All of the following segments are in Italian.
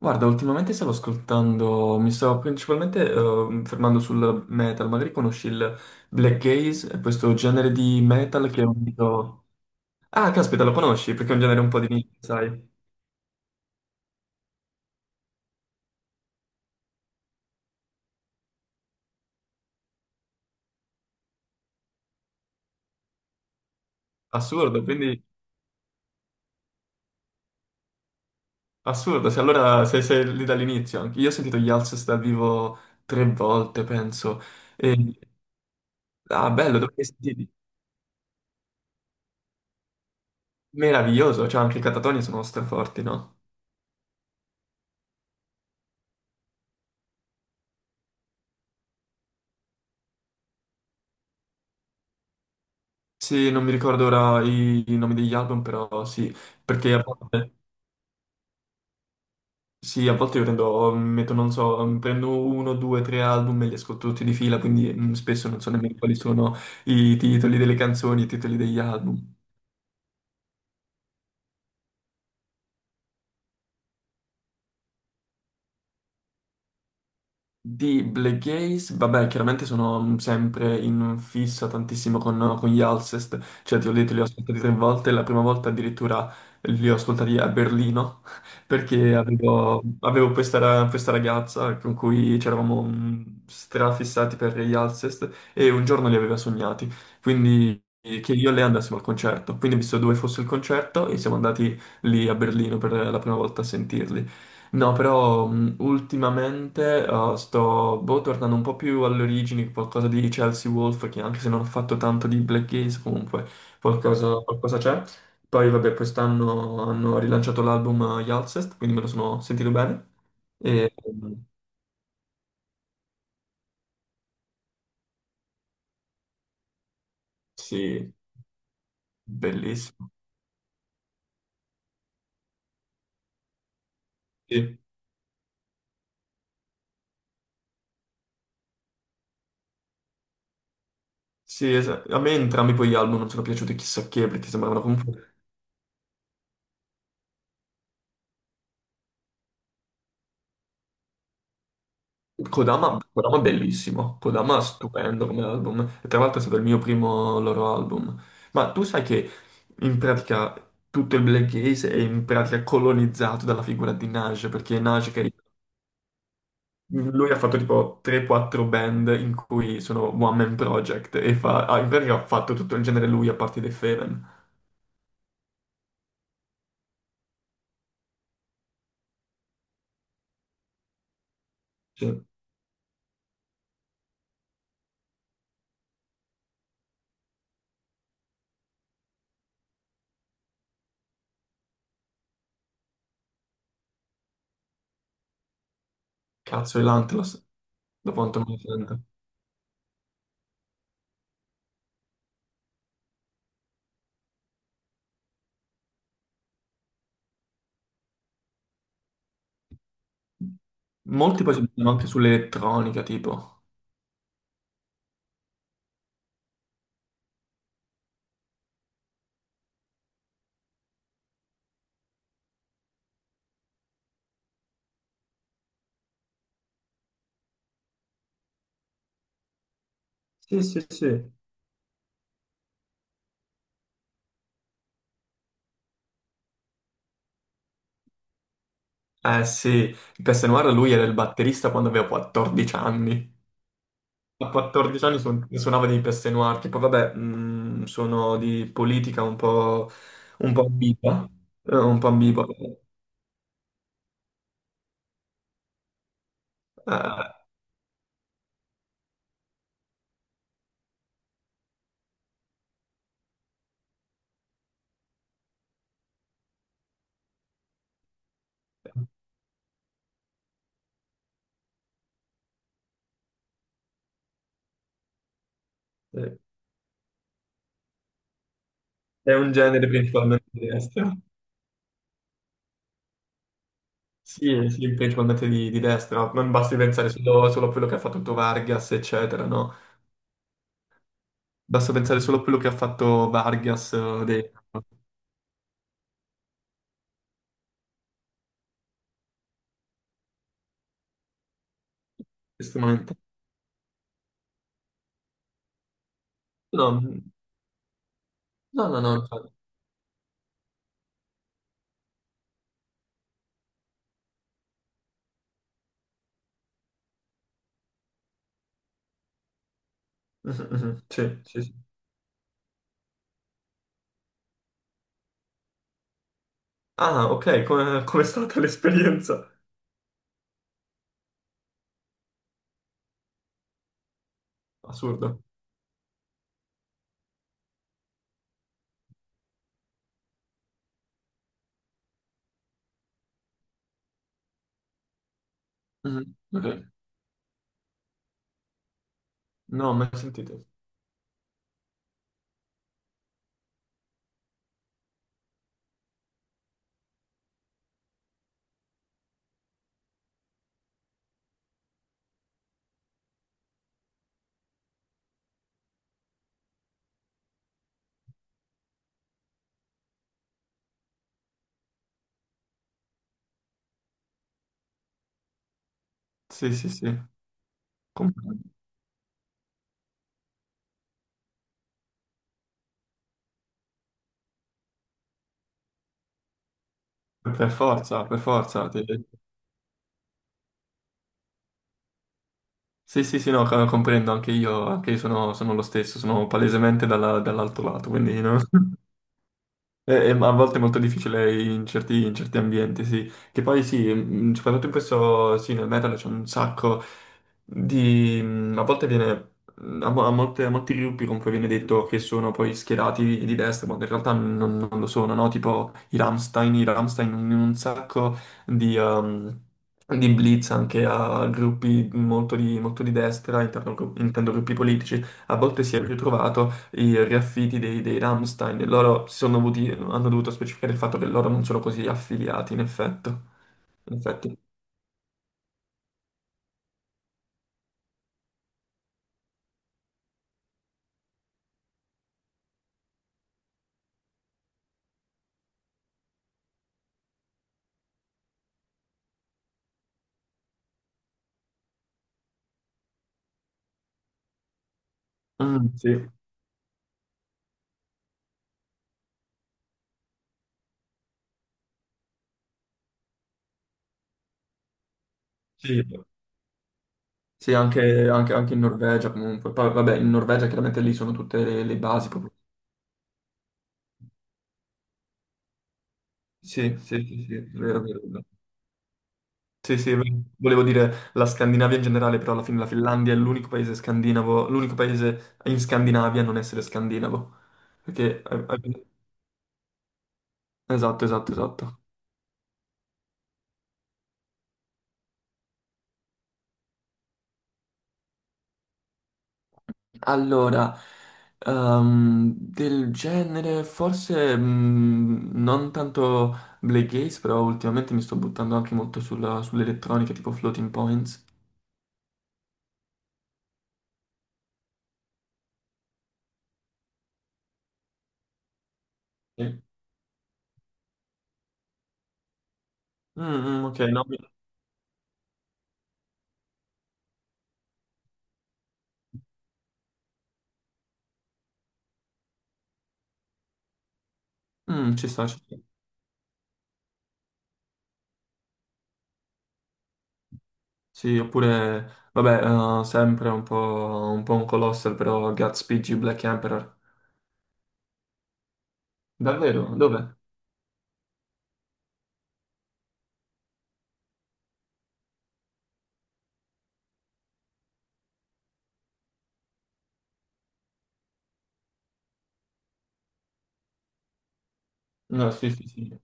Guarda, ultimamente stavo ascoltando, mi stavo principalmente fermando sul metal, magari conosci il black gaze, è questo genere di metal che è unito. Ah, caspita, lo conosci, perché è un genere un po' di nicchia, sai? Assurdo, quindi assurdo, se allora sei lì dall'inizio anche. Io ho sentito gli Alcest dal vivo tre volte, penso. E... Ah, bello, dove li hai sentiti? Meraviglioso, cioè anche i Catatonia sono straforti, no? Sì, non mi ricordo ora i nomi degli album, però sì, perché a volte... Sì, a volte io prendo, metto, non so, prendo uno, due, tre album e li ascolto tutti di fila, quindi spesso non so nemmeno quali sono i titoli delle canzoni, i titoli degli album. Di Black Gaze, vabbè, chiaramente sono sempre in fissa tantissimo con gli Alcest, cioè ti ho detto li ho ascoltati tre volte, la prima volta addirittura li ho ascoltati a Berlino, perché avevo questa ragazza con cui c'eravamo strafissati per gli Alcest e un giorno li aveva sognati, quindi che io e lei andassimo al concerto, quindi ho visto dove fosse il concerto e siamo andati lì a Berlino per la prima volta a sentirli. No, però ultimamente sto boh, tornando un po' più alle origini, qualcosa di Chelsea Wolf, che anche se non ho fatto tanto di Black Gaze, comunque qualcosa c'è. Poi vabbè, quest'anno hanno rilanciato l'album Yalcest, quindi me lo sono sentito bene. E, mh, sì, bellissimo. Sì, sì, a me entrambi poi gli album non sono piaciuti chissà che, perché sembravano comunque. Kodama, Kodama è bellissimo, Kodama è stupendo come album, e tra l'altro è stato il mio primo loro album. Ma tu sai che in pratica tutto il black gaze è in pratica colonizzato dalla figura di Nage, perché Nage che lui ha fatto tipo 3-4 band in cui sono one man project e ah, in pratica ha fatto tutto il genere lui a parte dei Feven. Cioè, cazzo, e l'Antlos, da quanto mi sento. Molti poi si mettono anche sull'elettronica, tipo. Sì, sì, sì. Eh sì, Noir lui era il batterista quando aveva 14 anni. A 14 anni suonava dei Noir, tipo vabbè, sono di politica un po', ambigua, un po' ambigua. Eh, eh, è un genere principalmente di destra. Sì, sì, principalmente di destra. Non basti pensare solo a quello che ha fatto Vargas, eccetera, no? Basta pensare solo a quello che ha fatto Vargas estremamente. No, no, no, no. No. Mhm, mhm. Sì, sì, sì. Ah, ok, come com'è stata l'esperienza? Assurdo. Mhm, ok. No, mai sentito. Sì, sì, sì. Com- Per forza, per forza. Sì, sì, sì, no, comprendo, anche io sono lo stesso, sono palesemente dall'altro lato, quindi no. Ma a volte è molto difficile in certi ambienti, sì. Che poi sì, soprattutto in questo, sì, nel metal c'è un sacco di. Mm, A, mo- a molte- a molti gruppi comunque viene detto che sono poi schierati di destra, ma in realtà non lo sono, no? Tipo i Rammstein in un sacco di, ehm, di blitz anche a gruppi molto di destra, intendo gruppi politici, a volte si è ritrovato i riaffitti dei Rammstein. Loro hanno dovuto specificare il fatto che loro non sono così affiliati, in effetto. In effetti. Mm, sì, sì. Sì, anche in Norvegia comunque. Poi, vabbè, in Norvegia chiaramente lì sono tutte le basi proprio. Sì, sì, sì, sì, è vero, è vero. È vero. Sì, sì, volevo dire la Scandinavia in generale, però alla fine la Finlandia è l'unico paese scandinavo, l'unico paese in Scandinavia a non essere scandinavo. Perché... eh, eh, Esatto, esatto, esatto. Allora, del genere forse non tanto Black Gaze, però ultimamente mi sto buttando anche molto sull'elettronica tipo Floating Points. Sì. Mm, mm, ok, no, ci sta, ci sta. Sì, oppure, vabbè, sempre un po' un colossal, però Gatsby G Black Emperor. Davvero? Dov'è? No, sì, sì, sì.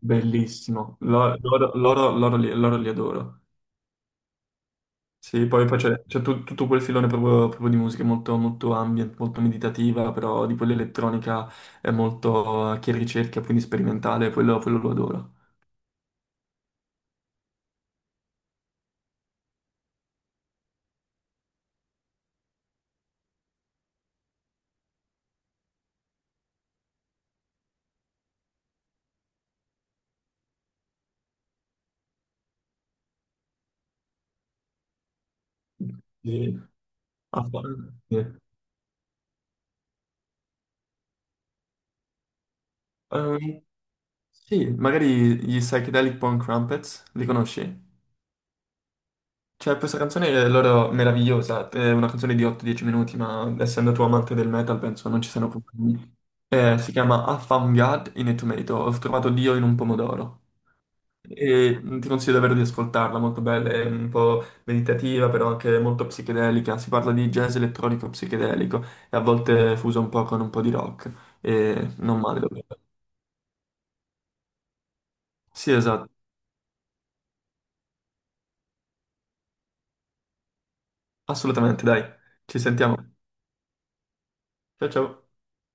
Bellissimo. Loro li adoro. Sì, poi tutto quel filone proprio, di musica molto, molto ambient, molto meditativa, però di quella elettronica è molto che ricerca, quindi sperimentale, quello lo adoro. Sì. Ah, sì. Ehm, sì, magari gli Psychedelic Punk Crumpets, li conosci? Cioè, questa canzone è loro meravigliosa, è una canzone di 8-10 minuti, ma essendo tu amante del metal penso non ci siano problemi. Si chiama I Found God in a Tomato, ho trovato Dio in un pomodoro. E ti consiglio davvero di ascoltarla, molto bella, è un po' meditativa, però anche molto psichedelica. Si parla di jazz elettronico psichedelico e a volte fuso un po' con un po' di rock. E non male, davvero. Sì, esatto, assolutamente, dai, ci sentiamo. Ciao ciao.